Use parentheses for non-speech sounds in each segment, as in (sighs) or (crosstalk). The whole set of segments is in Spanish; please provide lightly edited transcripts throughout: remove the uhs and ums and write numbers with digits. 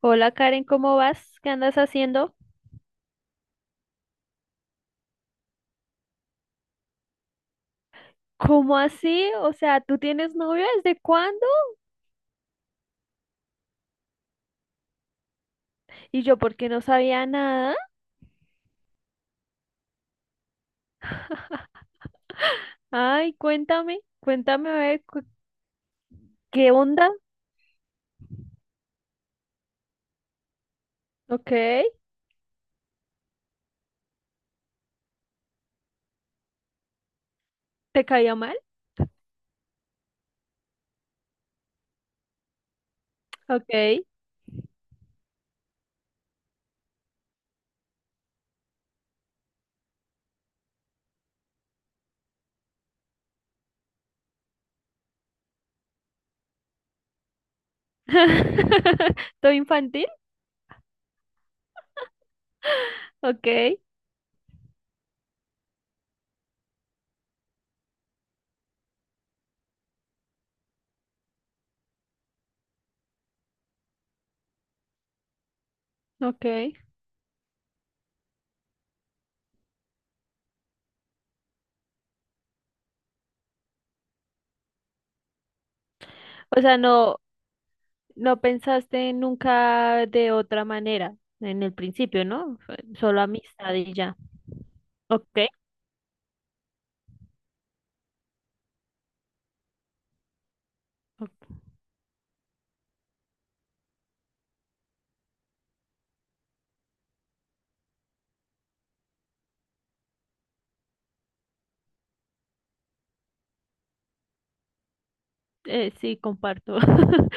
Hola Karen, ¿cómo vas? ¿Qué andas haciendo? ¿Cómo así? O sea, ¿tú tienes novio desde cuándo? Y yo, ¿por qué no sabía nada? Ay, cuéntame, cuéntame a ver qué onda. Ok, ¿te caía mal? Ok. (laughs) ¿Todo infantil? Ok, ok. O sea, no, no pensaste nunca de otra manera en el principio, ¿no? Fue solo amistad y ya. Ok, ok, sí, comparto. (laughs)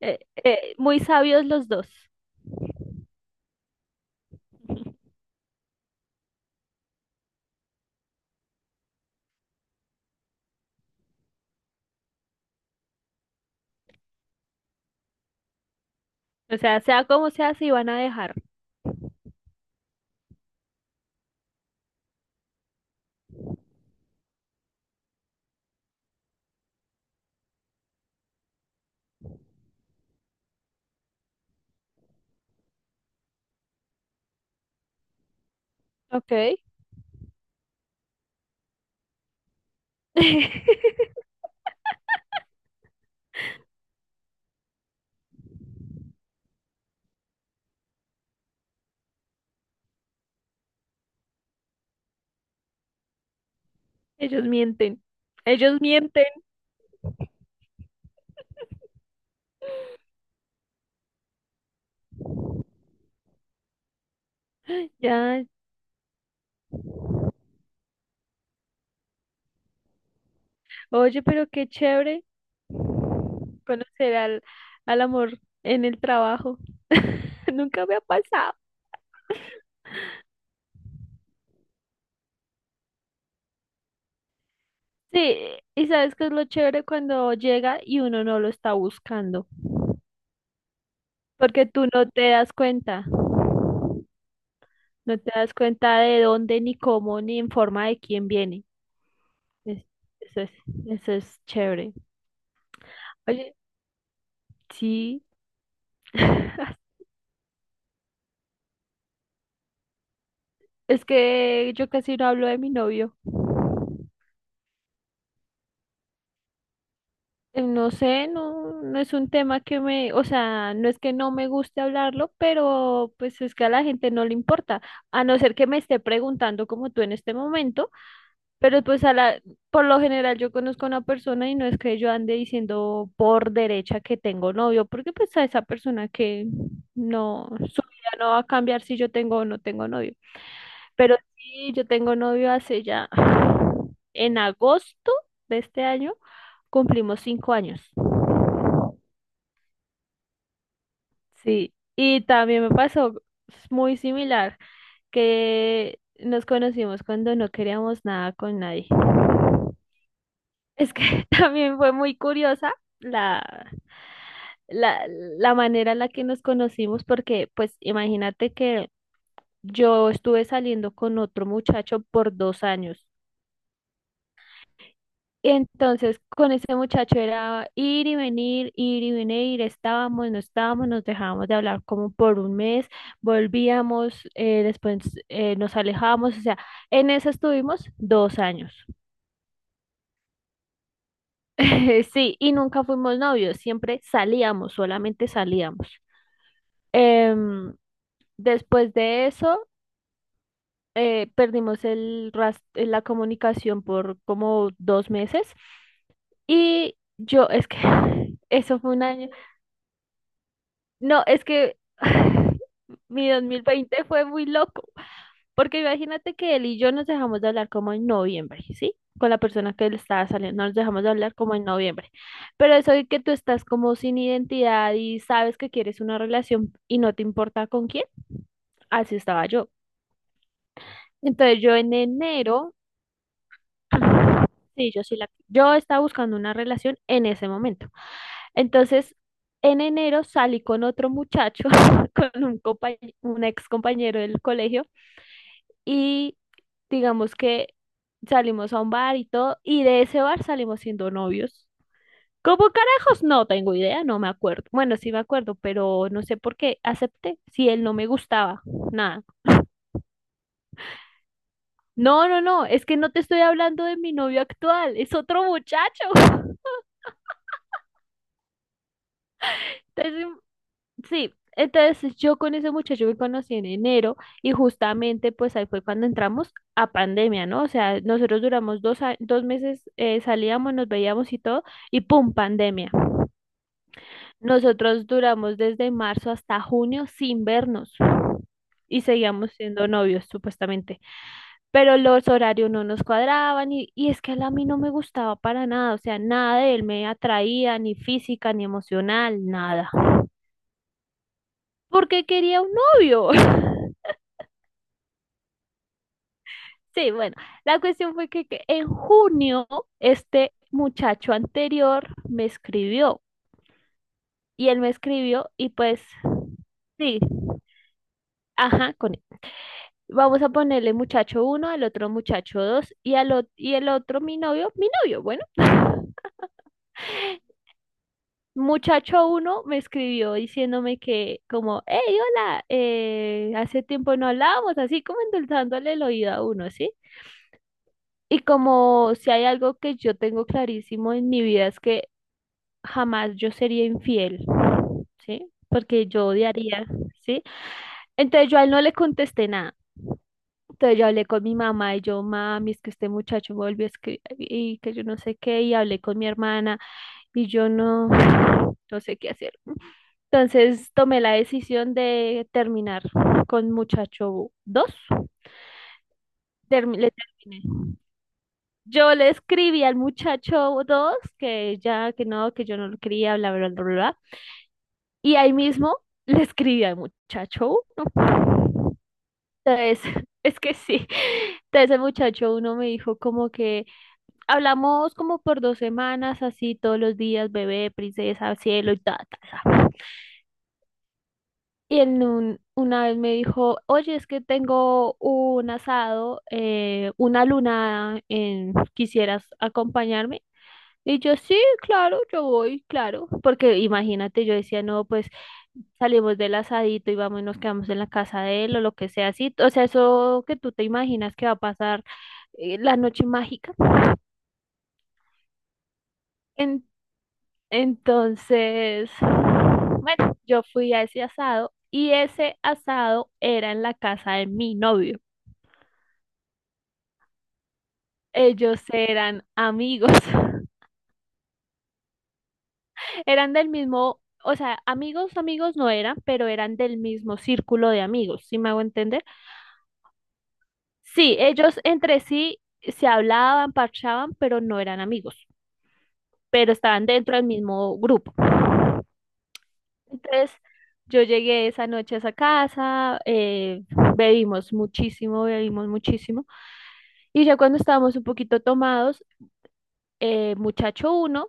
Eh, Muy sabios los dos. (laughs) O sea, sea como sea, si van a dejar. Ok. (laughs) Ellos mienten. Ellos mienten. (gasps) Ya. Oye, pero qué chévere conocer al, al amor en el trabajo. (laughs) Nunca me ha pasado. Sí, y sabes que es lo chévere cuando llega y uno no lo está buscando, porque tú no te das cuenta, no te das cuenta de dónde, ni cómo, ni en forma de quién viene. Es- Eso es, eso es chévere. Oye, sí, (laughs) es que yo casi no hablo de mi novio. No sé, no, no es un tema que me, o sea, no es que no me guste hablarlo, pero pues es que a la gente no le importa, a no ser que me esté preguntando como tú en este momento. Pero pues a la, por lo general yo conozco a una persona y no es que yo ande diciendo por derecha que tengo novio, porque pues a esa persona que no, su vida no va a cambiar si yo tengo o no tengo novio. Pero sí, yo tengo novio hace ya, en agosto de este año, cumplimos 5 años. Sí, y también me pasó muy similar, que nos conocimos cuando no queríamos nada con nadie. Es que (laughs) también fue muy curiosa la, la, la manera en la que nos conocimos, porque pues imagínate que yo estuve saliendo con otro muchacho por 2 años. Y entonces con ese muchacho era ir y venir, estábamos, no estábamos, nos dejábamos de hablar como por un mes, volvíamos, después nos alejábamos, o sea, en eso estuvimos 2 años. (laughs) Sí, y nunca fuimos novios, siempre salíamos, solamente salíamos. Em, Después de eso, perdimos la comunicación por como 2 meses y yo, es que (laughs) (sighs) eso fue un año, no, es que (laughs) (sighs) mi 2020 fue muy loco, porque imagínate que él y yo nos dejamos de hablar como en noviembre, ¿sí? Con la persona que él estaba saliendo, nos dejamos de hablar como en noviembre, pero eso de que tú estás como sin identidad y sabes que quieres una relación y no te importa con quién, así estaba yo. Entonces yo en enero sí, yo sí la... Yo estaba buscando una relación en ese momento. Entonces, en enero salí con otro muchacho, (laughs) con un ex compañero del colegio, y digamos que salimos a un bar y todo, y de ese bar salimos siendo novios. ¿Cómo carajos? No tengo idea, no me acuerdo. Bueno, sí me acuerdo, pero no sé por qué acepté, si él no me gustaba, nada. No, no, no, es que no te estoy hablando de mi novio actual, es otro muchacho. (laughs) Entonces sí, entonces yo con ese muchacho me conocí en enero y justamente pues ahí fue cuando entramos a pandemia, ¿no? O sea, nosotros duramos 2 meses, salíamos, nos veíamos y todo, y ¡pum! Pandemia. Nosotros duramos desde marzo hasta junio sin vernos y seguíamos siendo novios supuestamente, pero los horarios no nos cuadraban y es que él a mí no me gustaba para nada, o sea, nada de él me atraía, ni física, ni emocional, nada. Porque quería un novio. (laughs) Sí, bueno, la cuestión fue que en junio este muchacho anterior me escribió y él me escribió y pues sí, ajá, con él. Vamos a ponerle muchacho uno, al otro muchacho dos y y el otro mi novio, bueno, muchacho uno me escribió diciéndome que como, hey, hola, hace tiempo no hablábamos, así como endulzándole el oído a uno, ¿sí? Y como si hay algo que yo tengo clarísimo en mi vida es que jamás yo sería infiel, ¿sí? Porque yo odiaría, ¿sí? Entonces yo a él no le contesté nada. Entonces yo hablé con mi mamá y yo, mami, es que este muchacho me volvió a escribir y que yo no sé qué, y hablé con mi hermana y yo no, no sé qué hacer. Entonces tomé la decisión de terminar con muchacho 2. Le terminé. Yo le escribí al muchacho 2 que ya, que no, que yo no lo quería, bla, bla, bla, bla. Y ahí mismo le escribí al muchacho. Entonces, (laughs) es que sí. Entonces el muchacho uno me dijo como que hablamos como por 2 semanas, así todos los días, bebé, princesa, cielo y ta, ta, ta. Y en una vez me dijo, oye, es que tengo un asado, una luna, en, ¿quisieras acompañarme? Y yo, sí, claro, yo voy, claro, porque imagínate, yo decía, no, pues salimos del asadito y vamos y nos quedamos en la casa de él o lo que sea así. O sea, eso que tú te imaginas que va a pasar la noche mágica. En- entonces, bueno, yo fui a ese asado y ese asado era en la casa de mi novio. Ellos eran amigos, (laughs) eran del mismo, o sea, amigos, amigos no eran, pero eran del mismo círculo de amigos, ¿sí me hago entender? Sí, ellos entre sí se hablaban, parchaban, pero no eran amigos. Pero estaban dentro del mismo grupo. Entonces, yo llegué esa noche a esa casa, bebimos muchísimo, bebimos muchísimo. Y ya cuando estábamos un poquito tomados, muchacho uno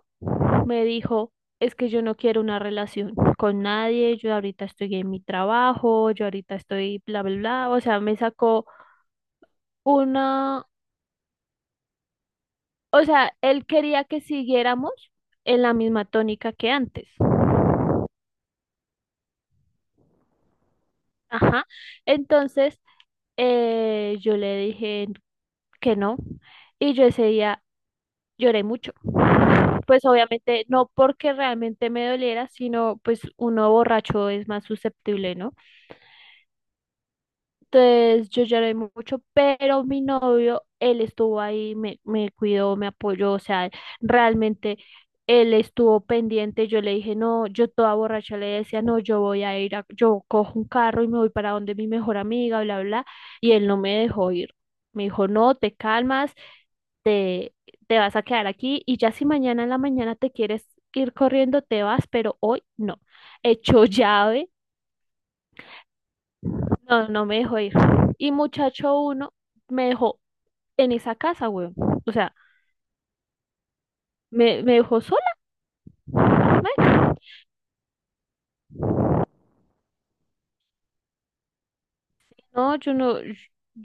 me dijo, es que yo no quiero una relación con nadie, yo ahorita estoy en mi trabajo, yo ahorita estoy bla, bla, bla. O sea, me sacó una, o sea, él quería que siguiéramos en la misma tónica que antes. Ajá. Entonces, yo le dije que no y yo ese día lloré mucho. Pues obviamente no porque realmente me doliera, sino pues uno borracho es más susceptible, ¿no? Entonces yo lloré mucho, pero mi novio, él estuvo ahí, me cuidó, me apoyó, o sea, realmente él estuvo pendiente. Yo le dije, no, yo toda borracha le decía, no, yo voy a ir, yo cojo un carro y me voy para donde mi mejor amiga, bla, bla, y él no me dejó ir. Me dijo, no, te calmas, te, te vas a quedar aquí y ya si mañana en la mañana te quieres ir corriendo, te vas, pero hoy no. Echó (laughs) llave no, no me dejó ir. Y muchacho uno me dejó en esa casa, weón. O sea, me dejó sola. Marica. No, yo no,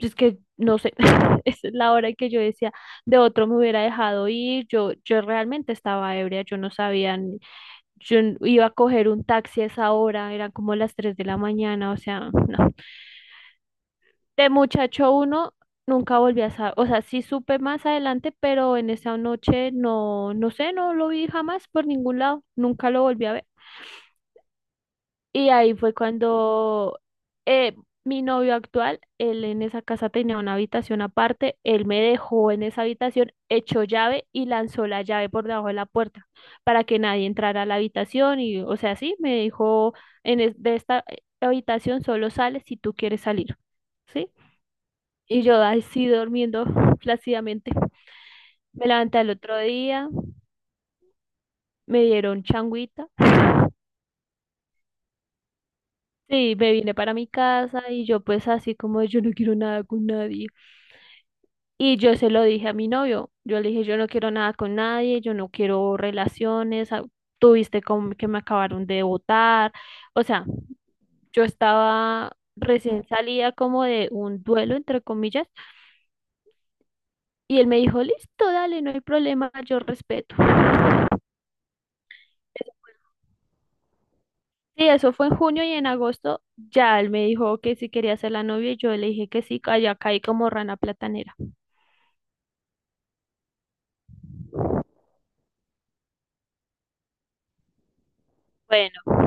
es que no sé. (laughs) Esa es la hora en que yo decía, de otro me hubiera dejado ir. Yo realmente estaba ebria, yo no sabía, iba a coger un taxi a esa hora, eran como las 3 de la mañana, o sea, no. De muchacho uno nunca volví a saber, o sea, sí supe más adelante, pero en esa noche no, no sé, no lo vi jamás por ningún lado, nunca lo volví a ver. Y ahí fue cuando eh, mi novio actual, él en esa casa tenía una habitación aparte, él me dejó en esa habitación, echó llave y lanzó la llave por debajo de la puerta para que nadie entrara a la habitación y, o sea, sí, me dijo, de esta habitación solo sales si tú quieres salir. ¿Sí? Y yo así durmiendo (laughs) plácidamente. Me levanté al otro día, me dieron changuita. Sí, me vine para mi casa y yo pues así como yo no quiero nada con nadie. Y yo se lo dije a mi novio. Yo le dije, yo no quiero nada con nadie, yo no quiero relaciones. Ah, tuviste como que me acabaron de botar. O sea, yo estaba recién salida como de un duelo, entre comillas. Y él me dijo, listo, dale, no hay problema, yo respeto. Sí, eso fue en junio y en agosto ya él me dijo que si quería ser la novia y yo le dije que sí, allá caí como rana platanera. Bueno,